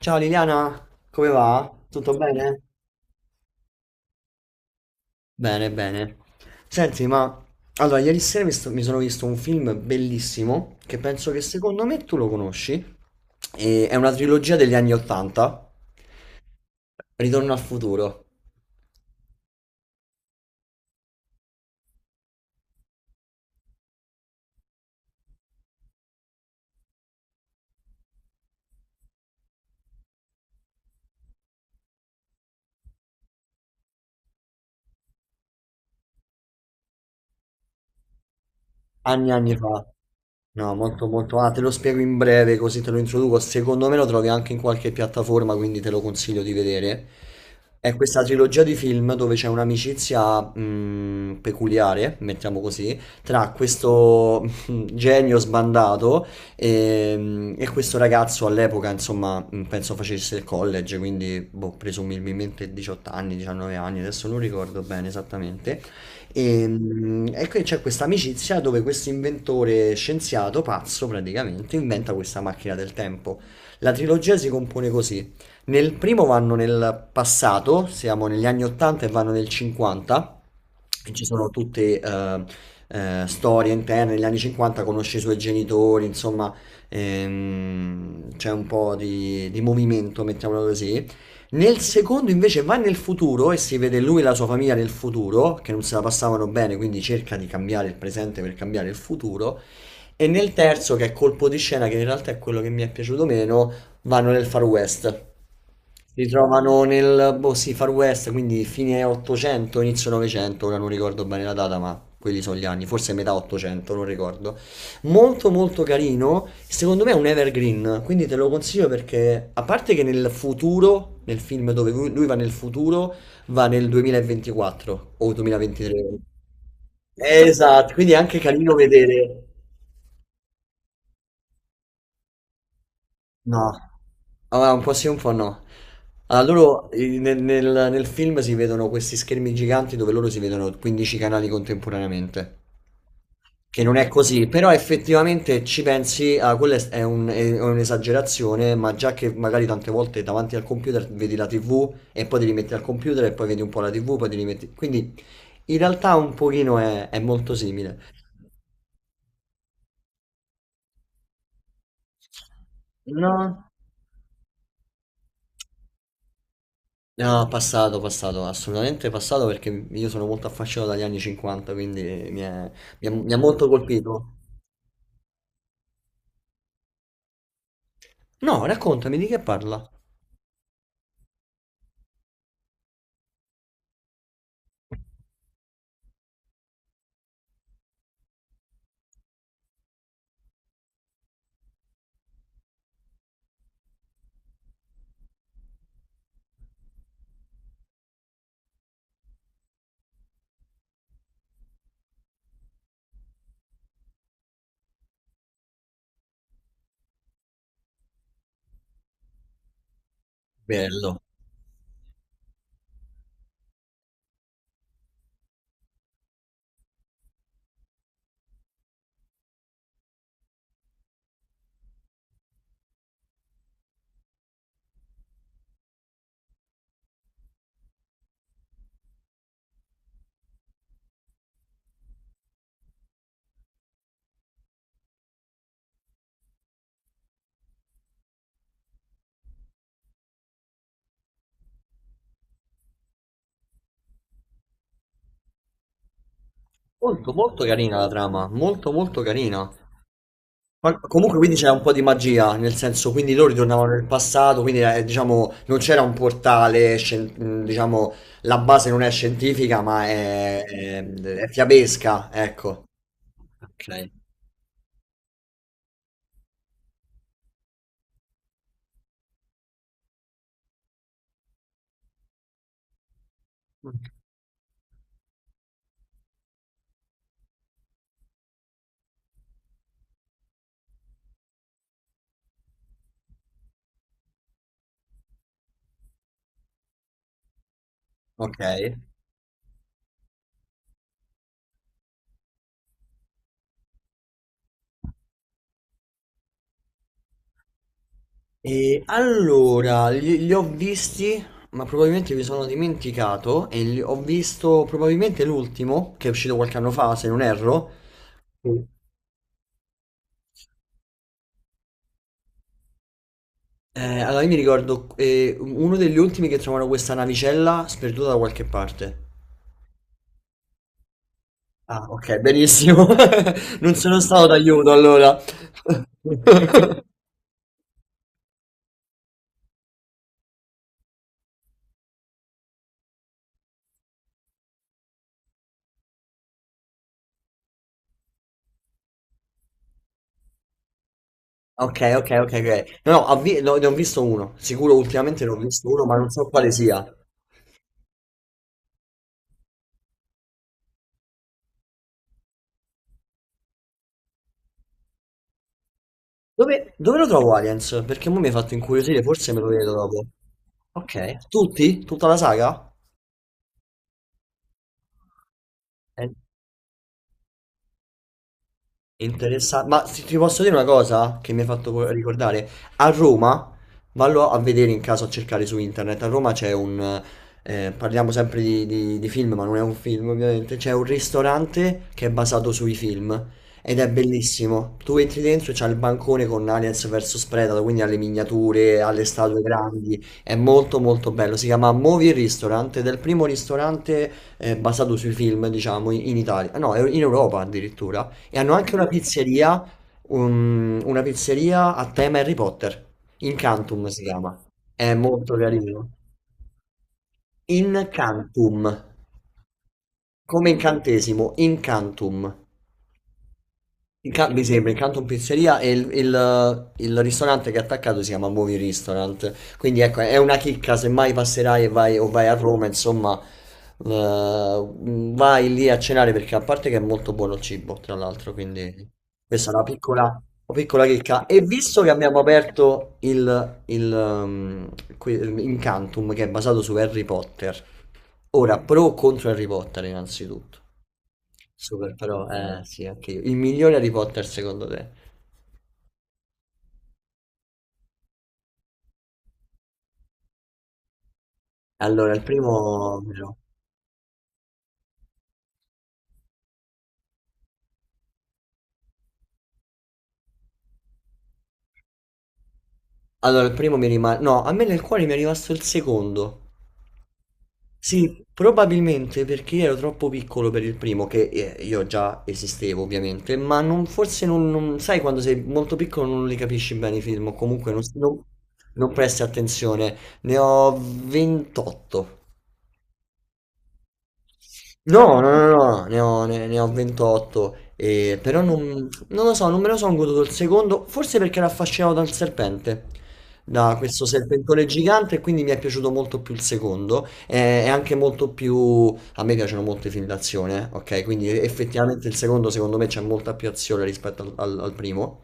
Ciao Liliana, come va? Tutto bene? Bene, bene. Senti, ma allora, ieri sera mi sono visto un film bellissimo che penso che secondo me tu lo conosci. È una trilogia degli anni 80, Ritorno al futuro. Anni e anni fa. No, molto molto. Ah, te lo spiego in breve così te lo introduco. Secondo me lo trovi anche in qualche piattaforma, quindi te lo consiglio di vedere. È questa trilogia di film dove c'è un'amicizia peculiare, mettiamo così, tra questo genio sbandato e, questo ragazzo all'epoca, insomma, penso facesse il college, quindi boh, presumibilmente 18 anni, 19 anni, adesso non ricordo bene esattamente. E qui c'è questa amicizia dove questo inventore scienziato, pazzo praticamente, inventa questa macchina del tempo. La trilogia si compone così. Nel primo vanno nel passato, siamo negli anni 80 e vanno nel 50, e ci sono tutte storie interne. Negli anni 50 conosce i suoi genitori, insomma, c'è un po' di movimento, mettiamola così. Nel secondo invece va nel futuro e si vede lui e la sua famiglia nel futuro, che non se la passavano bene, quindi cerca di cambiare il presente per cambiare il futuro. E nel terzo, che è colpo di scena, che in realtà è quello che mi è piaciuto meno, vanno nel Far West. Si trovano nel boh, sì, Far West, quindi fine 800, inizio 900, ora non ricordo bene la data, ma quelli sono gli anni, forse metà 800, non ricordo. Molto molto carino, secondo me è un evergreen, quindi te lo consiglio perché a parte che nel futuro, nel film dove lui va nel futuro, va nel 2024 o 2023. Esatto, quindi è anche carino vedere. No, allora, un po' sì, un po' no. Allora, loro nel film si vedono questi schermi giganti dove loro si vedono 15 canali contemporaneamente, che non è così, però effettivamente ci pensi, ah, quella è è un'esagerazione, ma già che magari tante volte davanti al computer vedi la TV e poi ti rimetti al computer e poi vedi un po' la TV, poi ti rimetti. Quindi in realtà un pochino è molto simile. No. No, passato, passato, assolutamente passato perché io sono molto affascinato dagli anni 50, quindi mi è- mi ha molto colpito. No, raccontami di che parla. Bello. Molto, molto carina la trama, molto, molto carina. Ma comunque quindi c'è un po' di magia, nel senso, quindi loro ritornavano nel passato, quindi diciamo non c'era un portale, diciamo la base non è scientifica ma è fiabesca, ecco. Ok. Ok. E allora, li ho visti, ma probabilmente mi sono dimenticato e ho visto probabilmente l'ultimo, che è uscito qualche anno fa, se non erro. Mm. Allora io mi ricordo uno degli ultimi che trovano questa navicella sperduta da qualche parte. Ah, ok, benissimo. Non sono stato d'aiuto allora. Ok, ok, ok, ok. No, no, ne ho visto uno. Sicuro ultimamente ne ho visto uno, ma non so quale sia. Dove lo trovo Aliens? Perché mo mi hai fatto incuriosire, forse me lo vedo dopo. Ok, tutti? Tutta la saga? Eh, Interessante, ma se ti posso dire una cosa che mi hai fatto ricordare, a Roma, vallo a vedere in caso a cercare su internet, a Roma c'è un, parliamo sempre di film, ma non è un film ovviamente, c'è un ristorante che è basato sui film ed è bellissimo, tu entri dentro e c'è il bancone con Aliens vs Predator, quindi alle miniature, alle statue grandi, è molto molto bello, si chiama Movie Restaurant ed è il primo ristorante basato sui film, diciamo, in Italia, no, è in Europa addirittura. E hanno anche una pizzeria, una pizzeria a tema Harry Potter. Incantum si chiama. È molto carino. Incantum, come incantesimo, Incantum. Mi sembra Incanto in Pizzeria e il ristorante che è attaccato si chiama Movie Restaurant. Quindi ecco, è una chicca, se mai passerai e vai, o vai a Roma, insomma, eh, vai lì a cenare perché a parte che è molto buono il cibo, tra l'altro, quindi questa è una piccola chicca. E visto che abbiamo aperto que- Incantum, che è basato su Harry Potter, ora pro o contro Harry Potter innanzitutto? Super però, eh sì, anche io. Il migliore Harry Potter secondo te? Allora, il primo... no. Allora, il primo mi rimane... No, a me nel cuore mi è rimasto il secondo. Sì, probabilmente perché ero troppo piccolo per il primo, che io già esistevo ovviamente, ma non, forse non, non- sai quando sei molto piccolo non li capisci bene i film, o comunque non presti attenzione. Ne ho 28. No, no, no, no, ne ho 28, però non, non lo so, non me lo sono goduto il secondo, forse perché ero affascinato dal serpente, da questo serpentone gigante, e quindi mi è piaciuto molto più il secondo, è anche molto più... a me piacciono molto i film d'azione, ok? Quindi effettivamente il secondo secondo me c'è molta più azione rispetto al primo.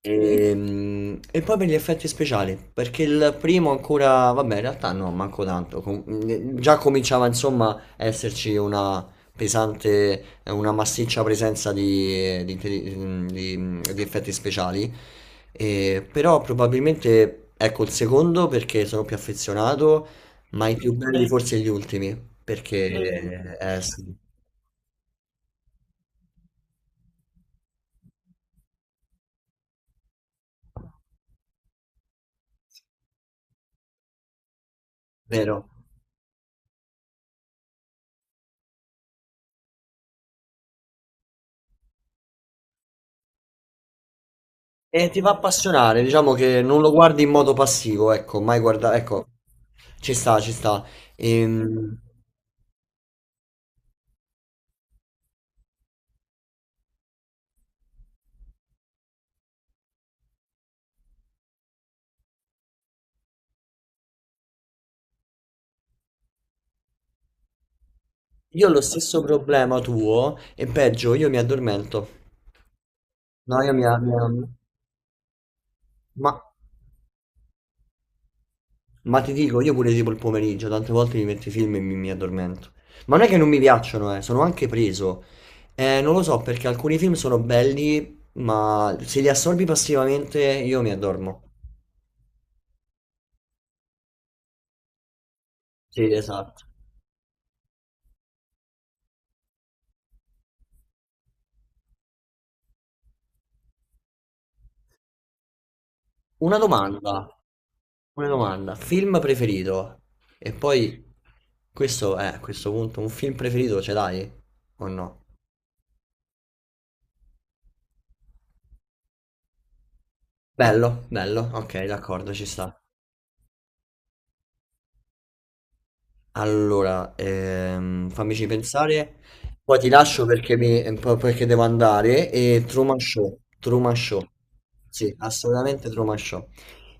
E poi per gli effetti speciali, perché il primo ancora, vabbè, in realtà no, manco tanto. Già cominciava insomma a esserci una pesante, una massiccia presenza di, di effetti speciali. E, però probabilmente ecco il secondo perché sono più affezionato, ma i più belli forse gli ultimi, perché sì, vero. E ti fa appassionare, diciamo che non lo guardi in modo passivo, ecco, mai guarda, ecco, ci sta, ci sta. Ehm, io ho lo stesso problema tuo e peggio, io mi addormento. No, io mi, mi- ma, ma ti dico, io pure tipo il pomeriggio, tante volte mi metto i film e mi addormento. Ma non è che non mi piacciono, sono anche preso. Non lo so, perché alcuni film sono belli, ma se li assorbi passivamente io mi addormo. Sì, esatto. Una domanda, una domanda. Film preferito? E poi, questo è, a questo punto, un film preferito ce l'hai? O no? Bello, bello, ok, d'accordo, ci sta. Allora, fammici pensare. Poi ti lascio perché, perché devo andare. E Truman Show, Truman Show. Sì, assolutamente Truman Show.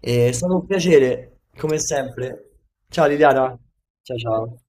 È stato un piacere, come sempre. Ciao Liliana. Ciao ciao.